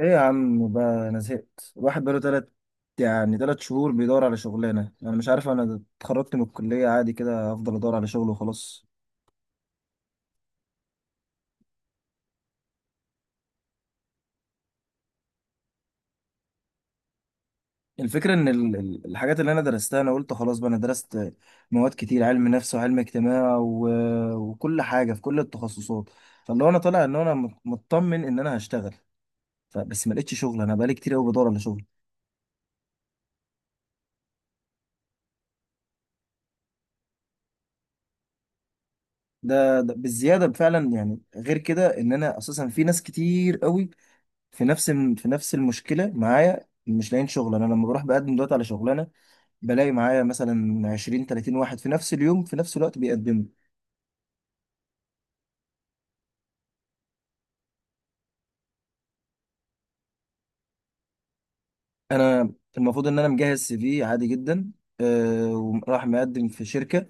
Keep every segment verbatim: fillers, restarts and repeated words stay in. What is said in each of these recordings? ايه يا عم بقى، انا زهقت. الواحد بقاله تلات، يعني تلات شهور بيدور على شغلانه. انا مش عارف، انا اتخرجت من الكليه عادي كده. افضل ادور على شغل وخلاص. الفكره ان ال- ال- الحاجات اللي انا درستها، انا قلت خلاص بقى انا درست مواد كتير، علم نفس وعلم اجتماع و... وكل حاجه في كل التخصصات. فاللي هو انا طالع ان انا مط- مطمن ان انا هشتغل، فبس ما لقيتش شغل. انا بقالي كتير قوي بدور على شغل. ده, ده بالزياده فعلا، يعني غير كده ان انا اساسا في ناس كتير قوي في نفس الم- في نفس المشكله معايا، مش لاقيين شغل. انا لما بروح بقدم دلوقتي على شغلانه، بلاقي معايا مثلا عشرين تلاتين واحد في نفس اليوم في نفس الوقت بيقدموا. انا المفروض ان انا مجهز سي في عادي جدا. أه، وراح مقدم في شركه.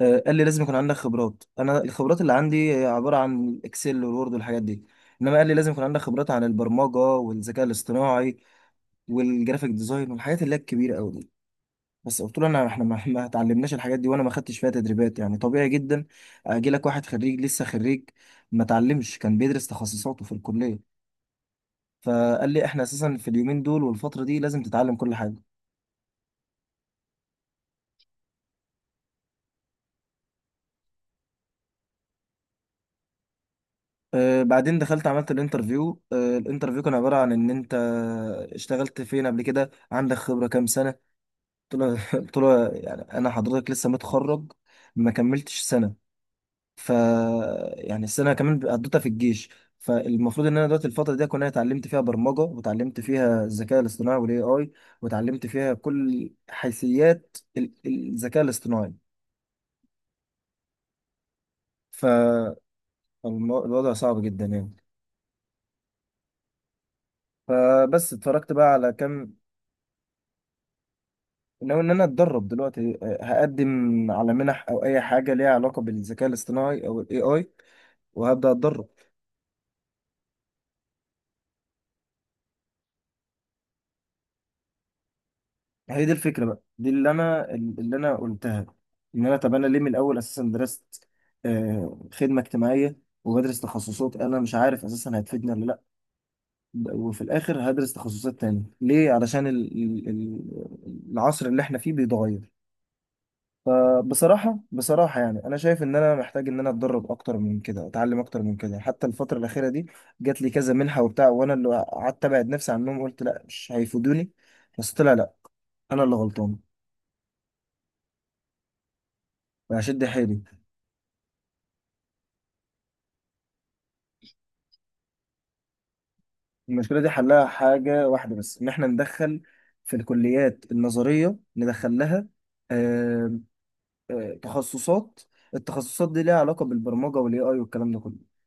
أه، قال لي لازم يكون عندك خبرات. انا الخبرات اللي عندي هي عباره عن الاكسل والوورد والحاجات دي، انما قال لي لازم يكون عندك خبرات عن البرمجه والذكاء الاصطناعي والجرافيك ديزاين والحاجات اللي هي الكبيره قوي. بس قلت له، انا احنا ما، ما اتعلمناش الحاجات دي، وانا ما خدتش فيها تدريبات. يعني طبيعي جدا، اجي لك واحد خريج، لسه خريج، ما اتعلمش، كان بيدرس تخصصاته في الكليه. فقال لي احنا اساسا في اليومين دول والفتره دي لازم تتعلم كل حاجه. أه، بعدين دخلت عملت الانترفيو. أه، الانترفيو كان عباره عن ان انت اشتغلت فين قبل كده، عندك خبره كام سنه. قلت له قلت له يعني، انا حضرتك لسه متخرج، ما كملتش سنه. ف يعني السنه كمان قضيتها في الجيش. فالمفروض ان انا دلوقتي الفتره دي اكون انا اتعلمت فيها برمجه، وتعلمت فيها الذكاء الاصطناعي والاي اي، وتعلمت فيها كل حيثيات ال- الذكاء الاصطناعي. فالوضع صعب جدا يعني. فبس اتفرجت بقى على كام. ناوي ان انا اتدرب دلوقتي. أه، هقدم على منح او اي حاجه ليها علاقه بالذكاء الاصطناعي او الاي اي، وهبدا اتدرب. هي دي الفكرة بقى، دي اللي أنا، اللي أنا قلتها. إن أنا، طب أنا ليه من الأول أساسا درست، آه، خدمة اجتماعية، وبدرس تخصصات أنا مش عارف أساسا هتفيدني ولا لأ؟ وفي الآخر هدرس تخصصات تانية ليه؟ علشان ال- ال- ال- العصر اللي إحنا فيه بيتغير. فبصراحة بصراحة يعني، أنا شايف إن أنا محتاج إن أنا أتدرب أكتر من كده، أتعلم أكتر من كده. حتى الفترة الأخيرة دي جات لي كذا منحة وبتاع، وأنا اللي قعدت أبعد نفسي عنهم، قلت لأ مش هيفيدوني. بس طلع لأ، أنا اللي غلطان، وهشد حيلي. المشكلة دي حلها حاجة واحدة بس، إن إحنا ندخل في الكليات النظرية ندخل لها، آم، آه، تخصصات. التخصصات دي ليها علاقة بالبرمجة والاي اي والكلام ده كله.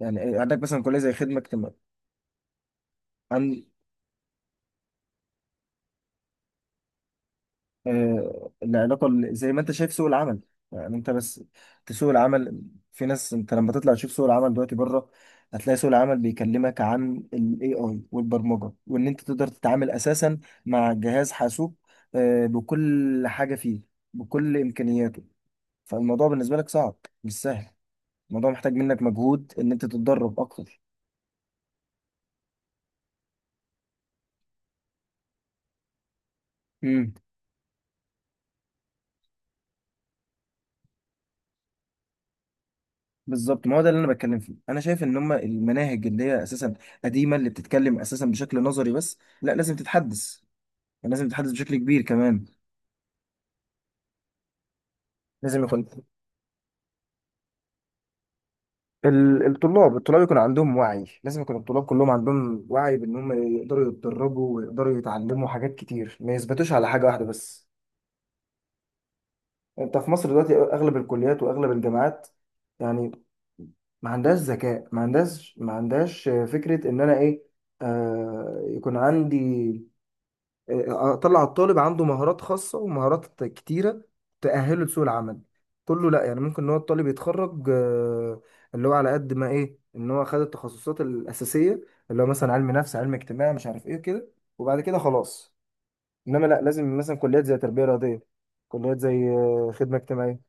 يعني إيه، عندك مثلا كلية زي خدمة اجتماعية. آه، العلاقة ال- زي ما انت شايف سوق العمل، يعني انت بس في سوق العمل، في ناس، انت لما تطلع تشوف سوق العمل دلوقتي بره، هتلاقي سوق العمل بيكلمك عن ال A I والبرمجة، وان انت تقدر تتعامل اساسا مع جهاز حاسوب، آه، بكل حاجة فيه، بكل امكانياته. فالموضوع بالنسبة لك صعب، مش سهل. الموضوع محتاج منك مجهود ان انت تتدرب اكتر. بالظبط، ما هو ده اللي انا بتكلم فيه. انا شايف ان هم المناهج اللي هي اساسا قديمه، اللي بتتكلم اساسا بشكل نظري بس، لا لازم تتحدث، لازم تتحدث بشكل كبير كمان. لازم يكون ال- الطلاب الطلاب يكون عندهم وعي. لازم يكون الطلاب كلهم عندهم وعي بان هم يقدروا يتدربوا، ويقدروا يتعلموا حاجات كتير، ما يثبتوش على حاجه واحده بس. انت في مصر دلوقتي اغلب الكليات واغلب الجامعات، يعني، ما عندهاش ذكاء، ما عندهاش ما عندهاش فكره ان انا ايه، آه، يكون عندي، اطلع الطالب عنده مهارات خاصه ومهارات كتيره تاهله لسوق العمل. كله لا، يعني ممكن ان هو الطالب يتخرج، آه، اللي هو على قد ما ايه، ان هو خد التخصصات الاساسيه، اللي هو مثلا علم نفس، علم اجتماع، مش عارف ايه كده، وبعد كده خلاص. انما لا، لازم مثلا كليات زي تربيه رياضيه، كليات زي، آه، خدمه اجتماعيه.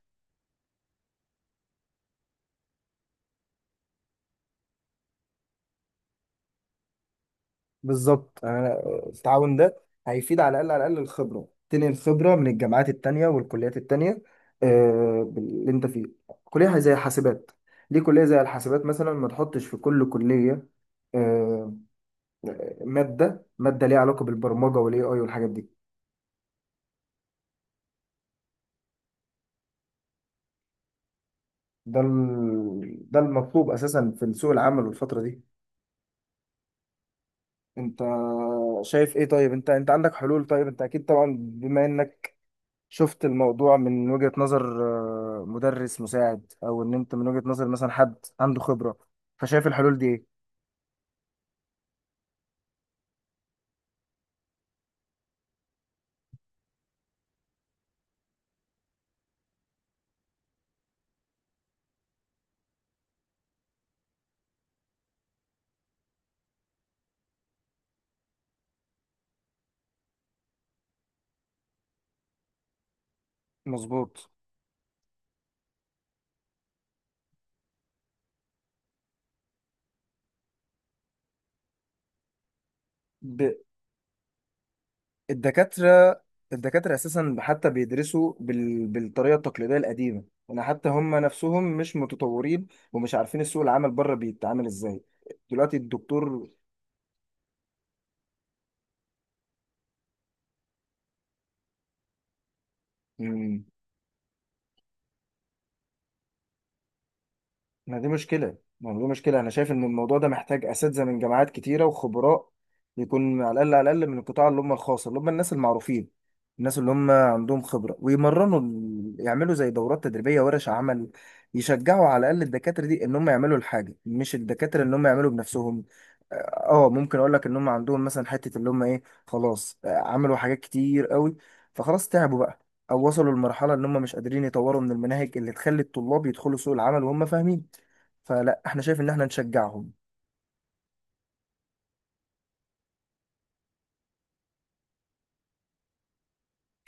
بالظبط، أنا- التعاون ده هيفيد. على الأقل، على الأقل الخبرة تنقل، الخبرة من الجامعات التانية والكليات التانية، آه، اللي أنت فيه، كلية زي حاسبات. ليه كلية زي الحاسبات مثلا ما تحطش في كل كلية، آه، مادة مادة ليها علاقة بالبرمجة والاي اي والحاجات دي؟ ده ال- ده المطلوب أساسا في سوق العمل والفترة دي. أنت شايف إيه؟ طيب أنت، أنت عندك حلول؟ طيب أنت أكيد طبعا، بما إنك شفت الموضوع من وجهة نظر، آه، مدرس مساعد، او ان انت من وجهة نظر مثلا حد عنده خبرة، فشايف الحلول دي ايه؟ مظبوط. ب... الدكاترة، الدكاترة اساسا حتى بيدرسوا بال... بالطريقة التقليدية القديمة يعني. حتى هم نفسهم مش متطورين، ومش عارفين السوق العمل بره بيتعامل ازاي دلوقتي الدكتور. ما دي مشكلة، ما دي مشكلة. أنا شايف إن الموضوع ده محتاج أساتذة من جامعات كتيرة وخبراء. يكون على الأقل، على الأقل من القطاع اللي هم الخاص، اللي هم الناس المعروفين، الناس اللي هم عندهم خبرة، ويمرنوا ال- يعملوا زي دورات تدريبية، ورش عمل، يشجعوا على الأقل الدكاترة دي إن هم يعملوا الحاجة. مش الدكاترة إن هم يعملوا بنفسهم. اه، ممكن اقول لك ان هم عندهم مثلا حته اللي هم ايه، خلاص، آه، عملوا حاجات كتير قوي، فخلاص تعبوا بقى، او وصلوا لمرحله ان هم مش قادرين يطوروا من المناهج اللي تخلي الطلاب يدخلوا سوق العمل وهم فاهمين. فلا، احنا شايف ان احنا نشجعهم.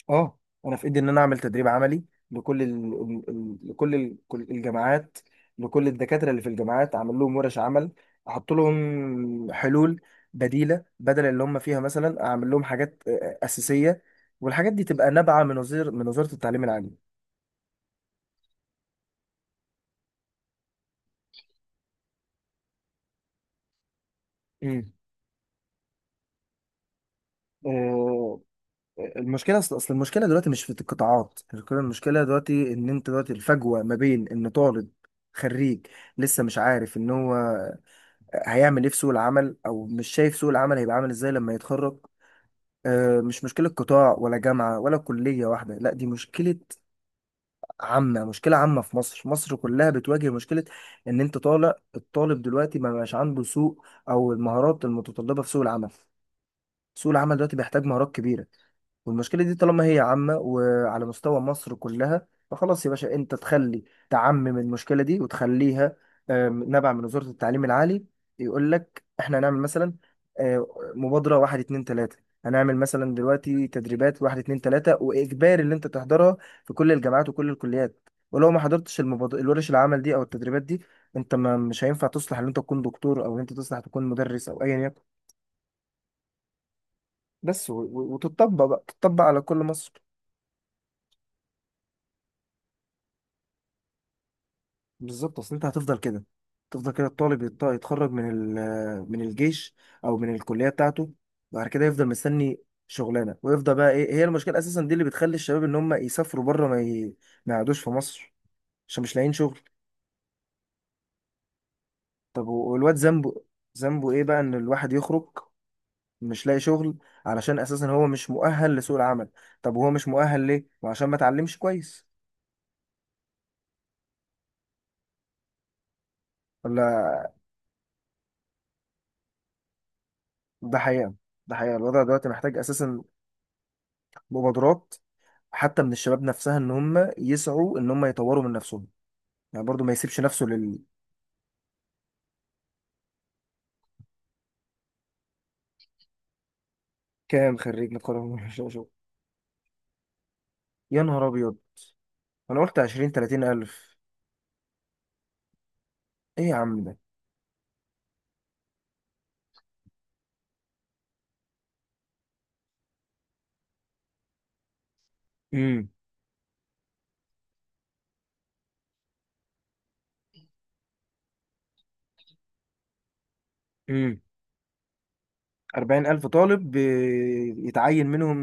اه، انا في ايدي ان انا اعمل تدريب عملي لكل ال... ال- ال- لكل ال- كل الجامعات، لكل الدكاتره اللي في الجامعات، اعمل لهم ورش عمل، احط لهم حلول بديله بدل اللي هم فيها. مثلا اعمل لهم حاجات، آه، آه، اساسيه، والحاجات دي تبقى نابعه من وزير، من وزاره التعليم العالي. امم، آه، المشكله اصل أصل المشكله دلوقتي مش في القطاعات. المشكله دلوقتي ان انت دلوقتي الفجوه ما بين ان طالب خريج لسه مش عارف ان هو هيعمل ايه في سوق العمل، او مش شايف سوق العمل هيبقى عامل ازاي لما يتخرج. آه، مش مشكلة قطاع ولا جامعة ولا كلية واحدة، لا دي مشكلة عامة، مشكلة عامة في مصر، مصر كلها بتواجه مشكلة. ان انت طالع الطالب دلوقتي ما بقاش عنده سوق، او المهارات المتطلبة في سوق العمل. سوق العمل دلوقتي بيحتاج مهارات كبيرة. والمشكلة دي طالما هي عامة وعلى مستوى مصر كلها، فخلاص يا باشا انت تخلي، تعمم المشكلة دي وتخليها، آم، نبع من وزارة التعليم العالي. يقول لك احنا هنعمل مثلا، آه، مبادرة واحد اتنين تلاتة، هنعمل مثلا دلوقتي تدريبات واحد اتنين تلاتة، وإجباري اللي انت تحضرها في كل الجامعات وكل الكليات. ولو ما حضرتش المبادرة الورش العمل دي او التدريبات دي، انت ما، مش هينفع تصلح ان انت تكون دكتور، او ان انت تصلح تكون مدرس او ايا يكن. بس و- و- وتطبق بقى، تطبق على كل مصر. بالظبط، اصل انت هتفضل كده. تفضل كده الطالب يت- يتخرج من ال- من الجيش او من الكليه بتاعته، بعد كده يفضل مستني شغلانه، ويفضل بقى. ايه هي المشكله اساسا دي اللي بتخلي الشباب ان هم يسافروا بره، ما ي... ما يقعدوش في مصر؟ عشان مش لاقيين شغل. طب و- والواد ذنبه، ذنبه ايه بقى، ان الواحد يخرج مش لاقي شغل، علشان اساسا هو مش مؤهل لسوق العمل؟ طب وهو مش مؤهل ليه؟ وعشان ما اتعلمش كويس، ولا؟ ده حقيقه، ده حقيقه. الوضع دلوقتي محتاج اساسا مبادرات حتى من الشباب نفسها، ان هم يسعوا ان هم يطوروا من نفسهم، يعني برضو ما يسيبش نفسه لل. كام خريج نقابة؟ شو شو. يا نهار ابيض، انا قلت عشرين تلاتين الف. ايه يا عم ده؟ امم. امم. اربعين الف طالب ب- يتعين منهم،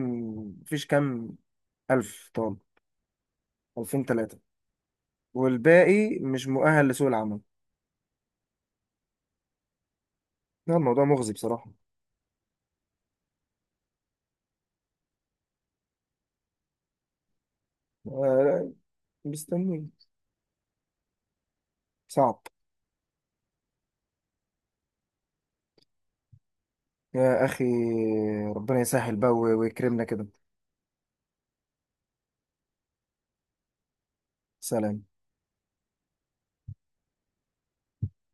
مفيش كام الف طالب، الفين تلاتة، والباقي مش مؤهل لسوق العمل؟ لا، الموضوع مغزي بصراحة. آه، لا، مستني. صعب. يا اخي، ربنا يسهل بقى ويكرمنا كده. سلام.